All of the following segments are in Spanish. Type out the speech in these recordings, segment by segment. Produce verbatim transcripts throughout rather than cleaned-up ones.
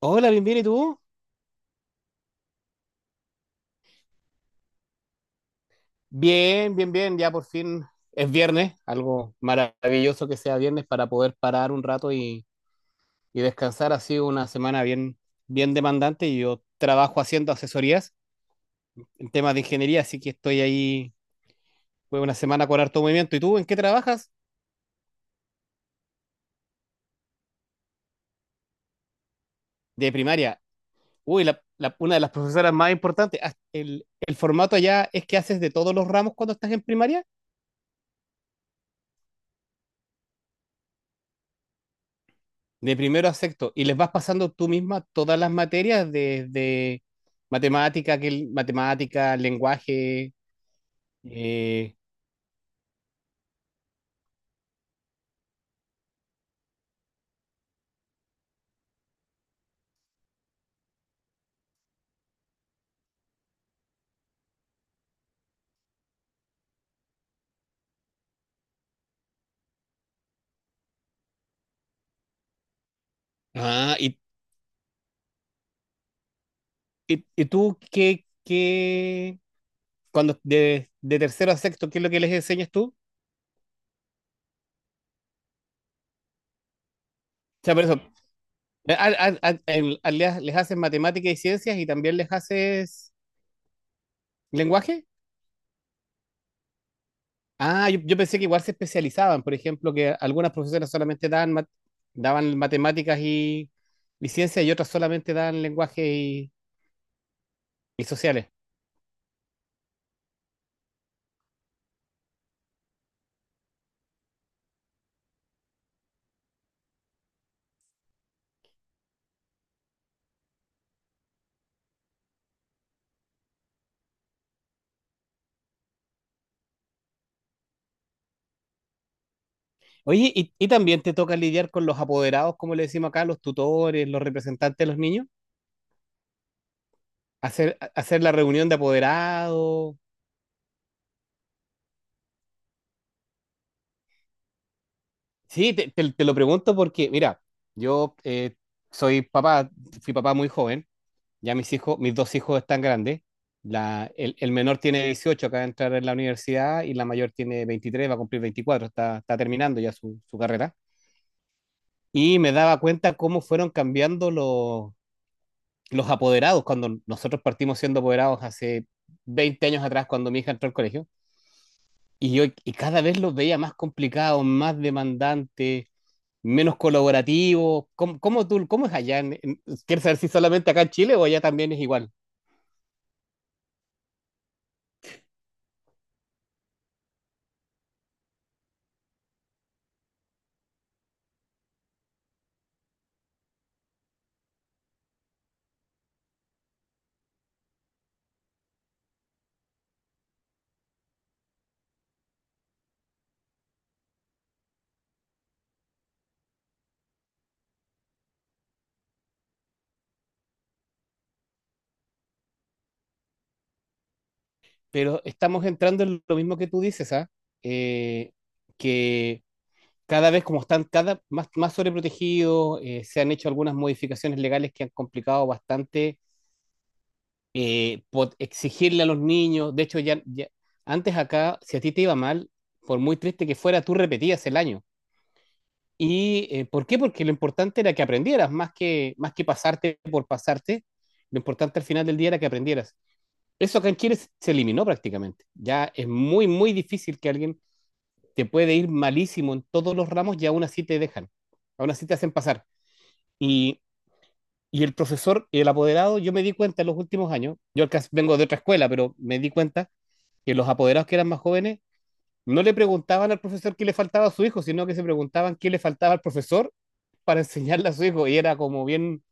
Hola, bien, bien, ¿y tú? Bien, bien, bien, ya por fin es viernes, algo maravilloso que sea viernes para poder parar un rato y, y descansar. Ha sido una semana bien, bien demandante y yo trabajo haciendo asesorías en temas de ingeniería, así que estoy ahí, fue una semana con harto movimiento. ¿Y tú en qué trabajas? De primaria. Uy, la, la- una de las profesoras más importantes. Ah, El, el formato allá es que haces de todos los ramos cuando estás en primaria. De primero a sexto. Y les vas pasando tú misma todas las materias desde matemática, que, matemática, lenguaje. eh, ah, y, y- y tú qué, qué- cuando de, de tercero a sexto, ¿qué es lo que les enseñas tú? O sea, por eso, a- a- a- en- a- les, les haces matemática y ciencias y también les haces lenguaje. Ah, yo, yo pensé que igual se especializaban, por ejemplo, que algunas profesoras solamente daban, mat- daban matemáticas y, y ciencias y otras solamente daban lenguaje y, y sociales. ¿Oye, y, y también te toca lidiar con los apoderados, como le decimos acá, los tutores, los representantes de los niños? ¿Hacer, a- hacer la reunión de apoderados? Sí, te, te- te lo pregunto porque, mira, yo eh, soy papá, fui papá muy joven. Ya mis hijos, mis dos hijos están grandes. La, el, el menor tiene dieciocho, acaba de entrar en la universidad y la mayor tiene veintitrés, va a cumplir veinticuatro. está, está terminando ya su, su carrera. Y me daba cuenta cómo fueron cambiando los, los apoderados cuando nosotros partimos siendo apoderados hace veinte años atrás, cuando mi hija entró al colegio. Y yo y cada vez los veía más complicados, más demandantes, menos colaborativos. ¿Cómo, cómo tú, cómo es allá? en- en- ¿Quieres saber si solamente acá en Chile o allá también es igual? Pero estamos entrando en lo mismo que tú dices, ¿ah? Eh, que cada vez como están cada más, más sobreprotegidos, eh, se han hecho algunas modificaciones legales que han complicado bastante eh, pot- exigirle a los niños. De hecho, ya, ya- antes acá, si a ti te iba mal, por muy triste que fuera, tú repetías el año. ¿Y eh, por qué? Porque lo importante era que aprendieras, más que, más que pasarte por pasarte, lo importante al final del día era que aprendieras. Eso acá en Chile se- eliminó prácticamente. Ya es muy, muy difícil que alguien te puede ir malísimo en todos los ramos y aún así te dejan, aún así te hacen pasar. Y, y el profesor, el apoderado, yo me di cuenta en los últimos años, yo acá vengo de otra escuela, pero me di cuenta que los apoderados que eran más jóvenes no le preguntaban al profesor qué le faltaba a su hijo, sino que se preguntaban qué le faltaba al profesor para enseñarle a su hijo. Y era como bien.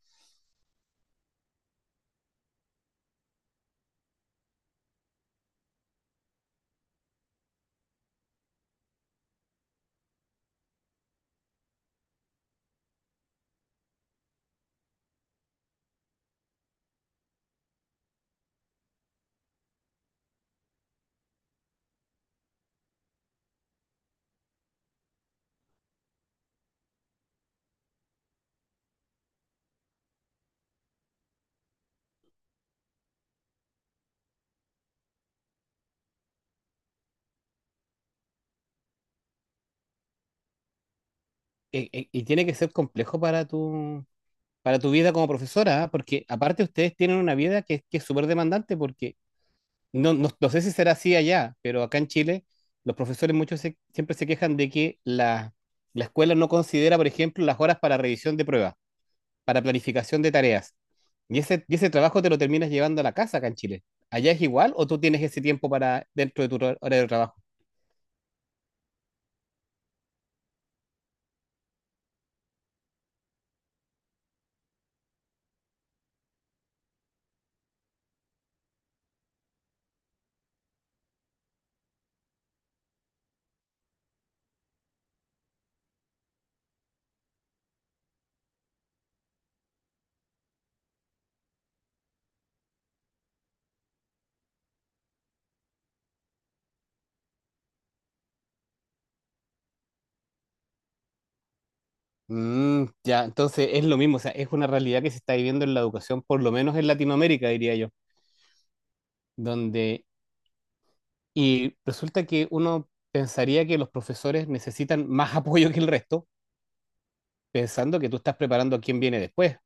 Eh, eh, y tiene que ser complejo para tu para tu vida como profesora, ¿ah? Porque aparte ustedes tienen una vida que, que es súper demandante, porque no, no, no sé si será así allá, pero acá en Chile los profesores muchos se- siempre se quejan de que la, la escuela no considera, por ejemplo, las horas para revisión de pruebas, para planificación de tareas. Y ese, y ese trabajo te lo terminas llevando a la casa acá en Chile. ¿Allá es igual o tú tienes ese tiempo para dentro de tu hor- hora de trabajo? Mm, ya, entonces es lo mismo, o sea, es una realidad que se está viviendo en la educación, por lo menos en Latinoamérica, diría yo, donde. Y resulta que uno pensaría que los profesores necesitan más apoyo que el resto, pensando que tú estás preparando a quien viene después.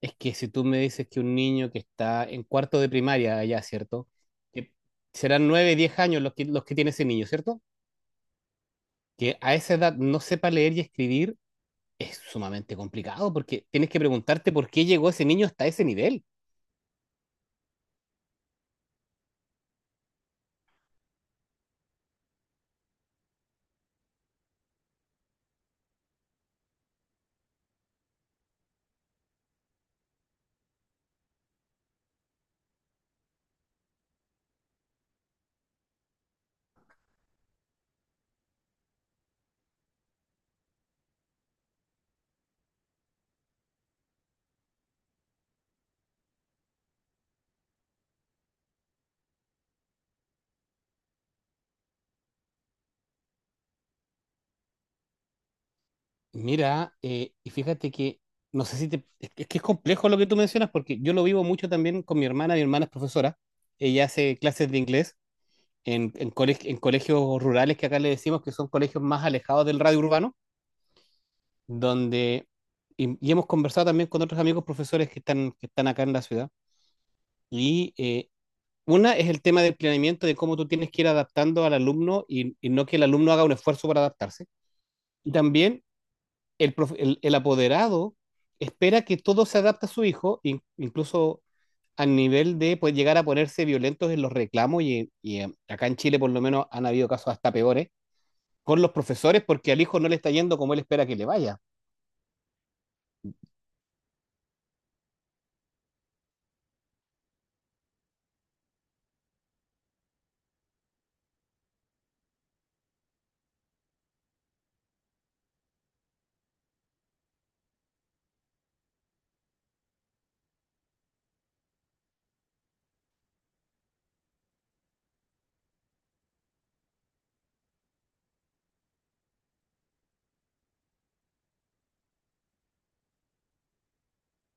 Es que si tú me dices que un niño que está en cuarto de primaria allá, ¿cierto? Que serán nueve, diez años los que, los que tiene ese niño, ¿cierto? Que a esa edad no sepa leer y escribir es sumamente complicado porque tienes que preguntarte por qué llegó ese niño hasta ese nivel. Mira, eh, y fíjate que no sé si te. Es que es que es complejo lo que tú mencionas porque yo lo vivo mucho también con mi hermana. Mi hermana es profesora. Ella hace clases de inglés en, en, coleg- en colegios rurales que acá le decimos que son colegios más alejados del radio urbano, donde. Y, y hemos conversado también con otros amigos profesores que están, que están acá en la ciudad. Y eh, una es el tema del planeamiento, de cómo tú tienes que ir adaptando al alumno y, y no que el alumno haga un esfuerzo para adaptarse. Y también el, prof- el- el apoderado espera que todo se adapte a su hijo, in- incluso al nivel de pues, llegar a ponerse violentos en los reclamos, y, y, eh, acá en Chile por lo menos han habido casos hasta peores, con los profesores porque al hijo no le está yendo como él espera que le vaya.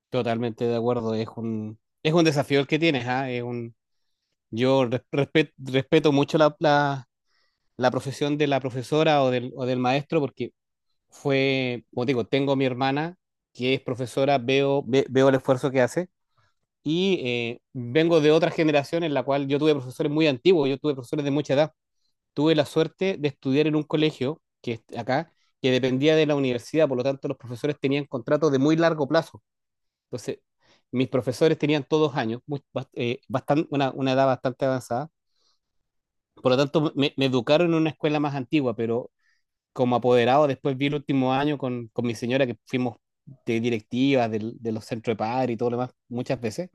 Totalmente de acuerdo, es un, es un desafío el que tienes, ¿ah? Es un, yo res- respet- respeto mucho la, la- la profesión de la profesora o del, o del maestro porque fue, como te digo, tengo mi hermana que es profesora, veo, ve- veo el esfuerzo que hace y eh, vengo de otra generación en la cual yo tuve profesores muy antiguos, yo tuve profesores de mucha edad. Tuve la suerte de estudiar en un colegio que es acá, que dependía de la universidad, por lo tanto los profesores tenían contratos de muy largo plazo. Entonces, mis profesores tenían todos años, muy, bast- eh, bastan- una, una edad bastante avanzada. Por lo tanto, me, me educaron en una escuela más antigua, pero como apoderado, después vi el último año con, con mi señora que fuimos de directivas del- de los centros de par y todo lo demás muchas veces.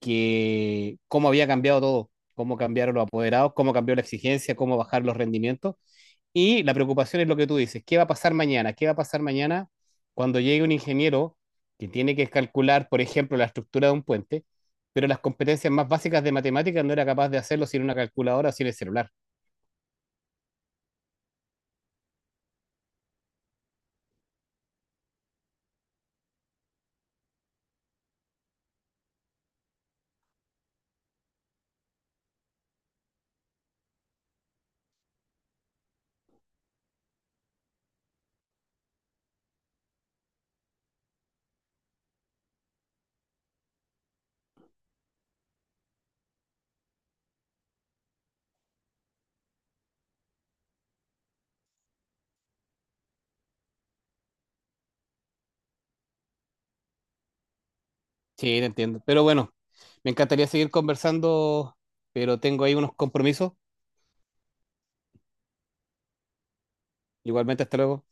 Que cómo había cambiado todo, cómo cambiaron los apoderados, cómo cambió la exigencia, cómo bajar los rendimientos. Y la preocupación es lo que tú dices, ¿qué va a pasar mañana? ¿Qué va a pasar mañana cuando llegue un ingeniero que tiene que calcular, por ejemplo, la estructura de un puente, pero las competencias más básicas de matemáticas no era capaz de hacerlo sin una calculadora o sin el celular? Sí, te entiendo. Pero bueno, me encantaría seguir conversando, pero tengo ahí unos compromisos. Igualmente, hasta luego.